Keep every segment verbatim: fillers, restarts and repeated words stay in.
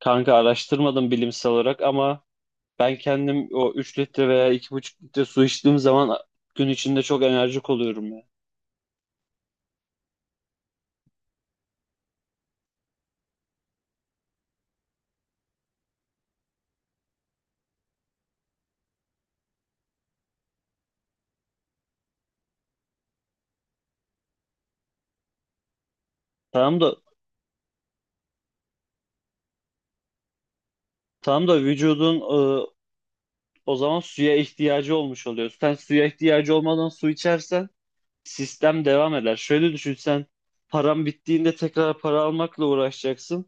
Kanka araştırmadım bilimsel olarak ama ben kendim o üç litre veya iki buçuk litre su içtiğim zaman gün içinde çok enerjik oluyorum ya. Tamam da tamam da vücudun, e, o zaman suya ihtiyacı olmuş oluyor. Sen suya ihtiyacı olmadan su içersen sistem devam eder. Şöyle düşün sen, paran bittiğinde tekrar para almakla uğraşacaksın.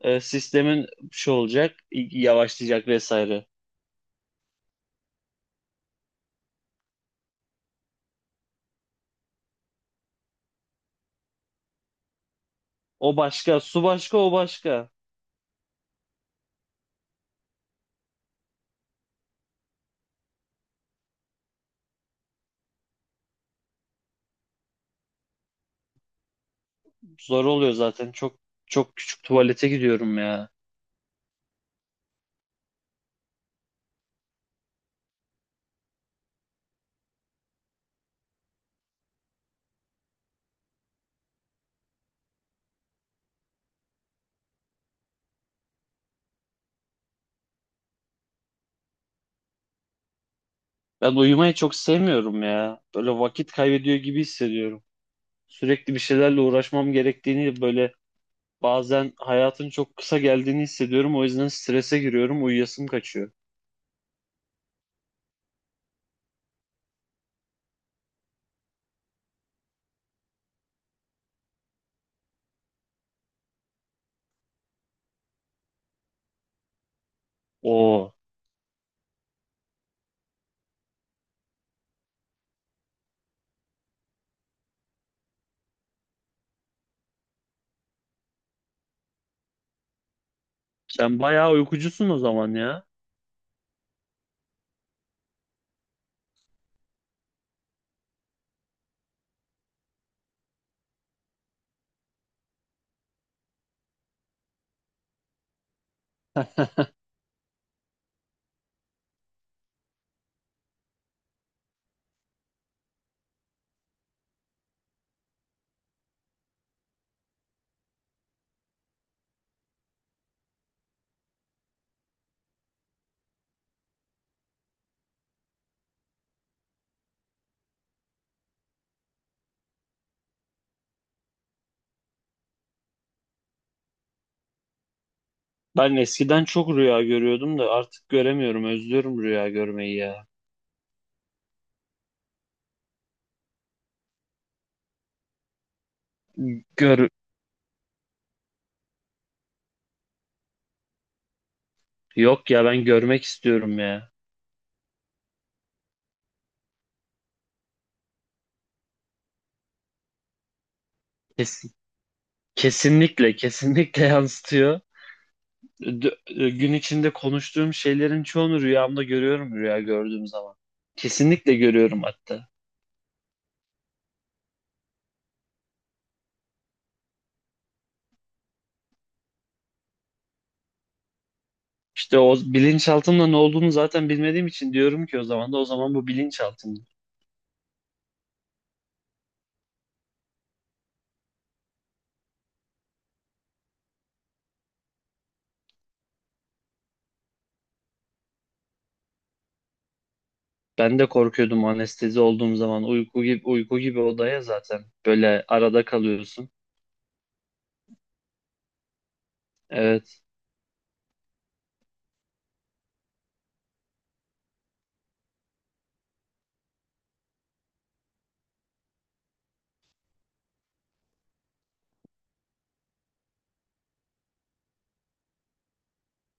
E, sistemin şey olacak, y- yavaşlayacak vesaire. O başka, su başka, o başka. Zor oluyor zaten. Çok çok küçük tuvalete gidiyorum ya. Ben uyumayı çok sevmiyorum ya. Böyle vakit kaybediyor gibi hissediyorum. Sürekli bir şeylerle uğraşmam gerektiğini, böyle bazen hayatın çok kısa geldiğini hissediyorum. O yüzden strese giriyorum, uyuyasım kaçıyor. Oo, sen bayağı uykucusun o zaman ya. Ben eskiden çok rüya görüyordum da artık göremiyorum. Özlüyorum rüya görmeyi ya. Gör Yok ya, ben görmek istiyorum ya. Kesin, kesinlikle kesinlikle yansıtıyor. D- e, gün içinde konuştuğum şeylerin çoğunu rüyamda görüyorum, rüya gördüğüm zaman. Kesinlikle görüyorum hatta. İşte o bilinçaltımda ne olduğunu zaten bilmediğim için diyorum ki, o zaman da o zaman bu bilinçaltım. Ben de korkuyordum anestezi olduğum zaman, uyku gibi uyku gibi odaya zaten böyle arada kalıyorsun. Evet.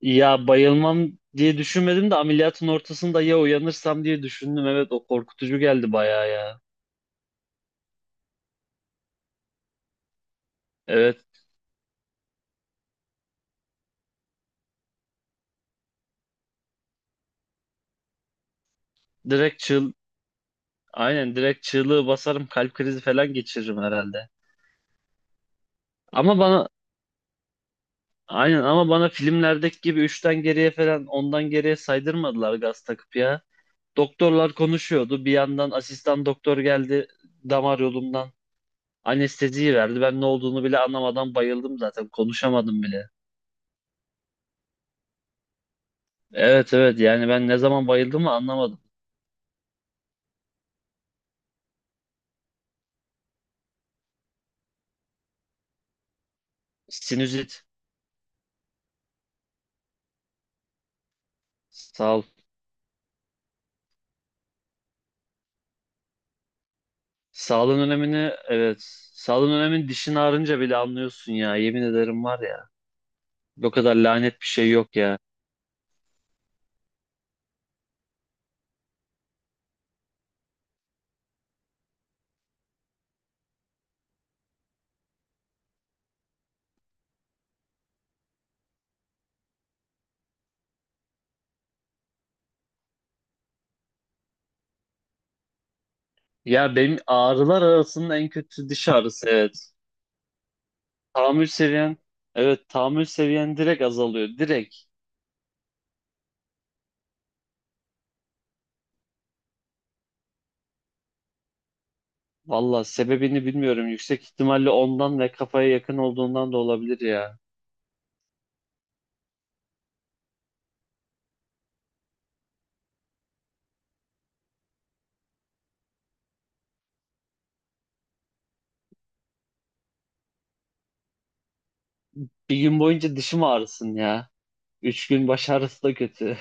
Ya bayılmam diye düşünmedim de ameliyatın ortasında ya uyanırsam diye düşündüm. Evet, o korkutucu geldi bayağı ya. Evet, direkt çığ aynen direkt çığlığı basarım, kalp krizi falan geçiririm herhalde. Ama bana aynen ama bana filmlerdeki gibi üçten geriye falan, ondan geriye saydırmadılar gaz takıp ya. Doktorlar konuşuyordu. Bir yandan asistan doktor geldi, damar yolumdan anesteziyi verdi. Ben ne olduğunu bile anlamadan bayıldım zaten. Konuşamadım bile. Evet, evet, yani ben ne zaman bayıldığımı anlamadım. Sinüzit. Sağ ol. Sağlığın önemini, evet. Sağlığın önemini dişin ağrınca bile anlıyorsun ya. Yemin ederim var ya. O kadar lanet bir şey yok ya. Ya benim ağrılar arasında en kötüsü diş ağrısı, evet. Tahammül seviyen evet tahammül seviyen direkt azalıyor. Direkt. Valla sebebini bilmiyorum. Yüksek ihtimalle ondan ve kafaya yakın olduğundan da olabilir ya. Bir gün boyunca dişim ağrısın ya. Üç gün baş ağrısı da kötü.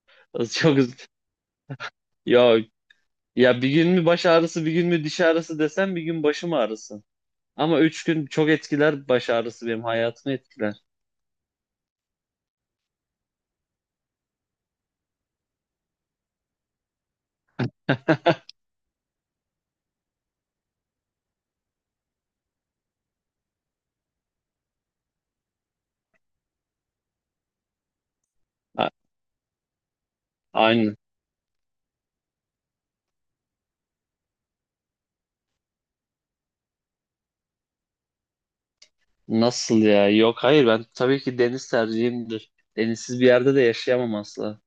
Çok üz- ya ya Bir gün mü baş ağrısı, bir gün mü diş ağrısı desem, bir gün başım ağrısın. Ama üç gün çok etkiler, baş ağrısı benim hayatımı etkiler. A- Aynen. Nasıl ya? Yok, hayır, ben tabii ki deniz tercihimdir. Denizsiz bir yerde de yaşayamam asla.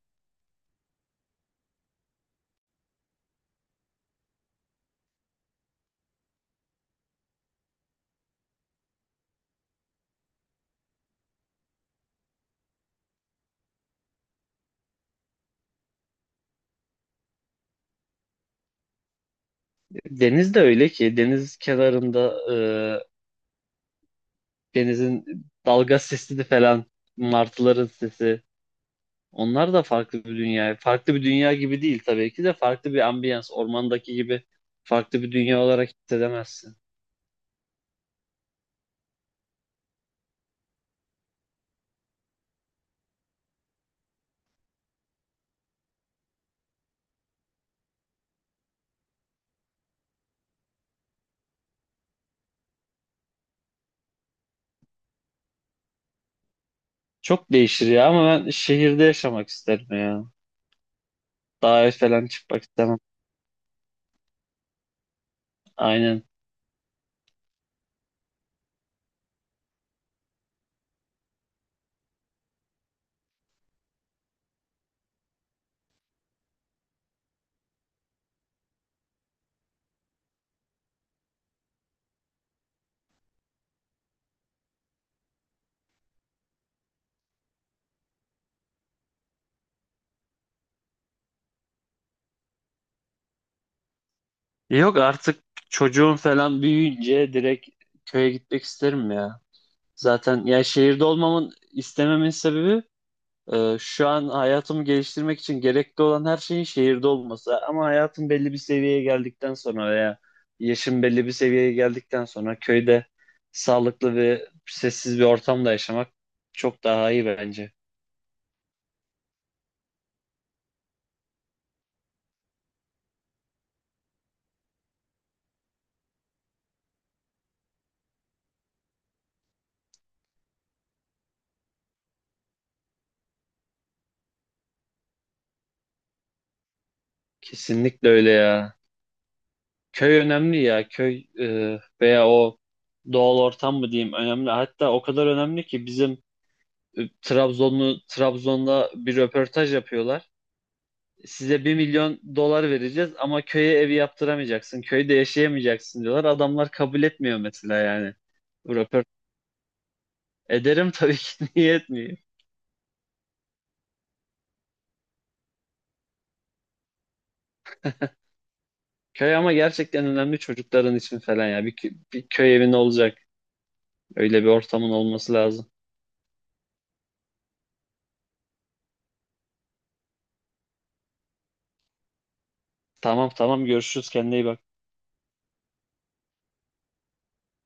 Deniz de öyle ki, deniz kenarında, e, denizin dalga sesi de falan, martıların sesi. Onlar da farklı bir dünya. Farklı bir dünya gibi değil tabii ki de, farklı bir ambiyans. Ormandaki gibi farklı bir dünya olarak hissedemezsin. Çok değişir ya ama ben şehirde yaşamak isterim ya. Dağa falan çıkmak istemem. Aynen. Yok artık, çocuğum falan büyüyünce direkt köye gitmek isterim ya. Zaten ya şehirde olmamın, istememin sebebi, e, şu an hayatımı geliştirmek için gerekli olan her şeyin şehirde olması. Ama hayatım belli bir seviyeye geldikten sonra veya yaşım belli bir seviyeye geldikten sonra, köyde sağlıklı ve sessiz bir ortamda yaşamak çok daha iyi bence. Kesinlikle öyle ya. Köy önemli ya. Köy, e, veya o doğal ortam mı diyeyim, önemli. Hatta o kadar önemli ki bizim, e, Trabzonlu Trabzon'da bir röportaj yapıyorlar. Size bir milyon dolar vereceğiz ama köye evi yaptıramayacaksın, köyde yaşayamayacaksın diyorlar. Adamlar kabul etmiyor mesela yani. Bu röportaj Ederim tabii ki niye etmiyor. Köy ama gerçekten önemli, çocukların için falan ya. Bir, kö- bir köy evin olacak. Öyle bir ortamın olması lazım. Tamam, tamam, görüşürüz, kendine iyi bak.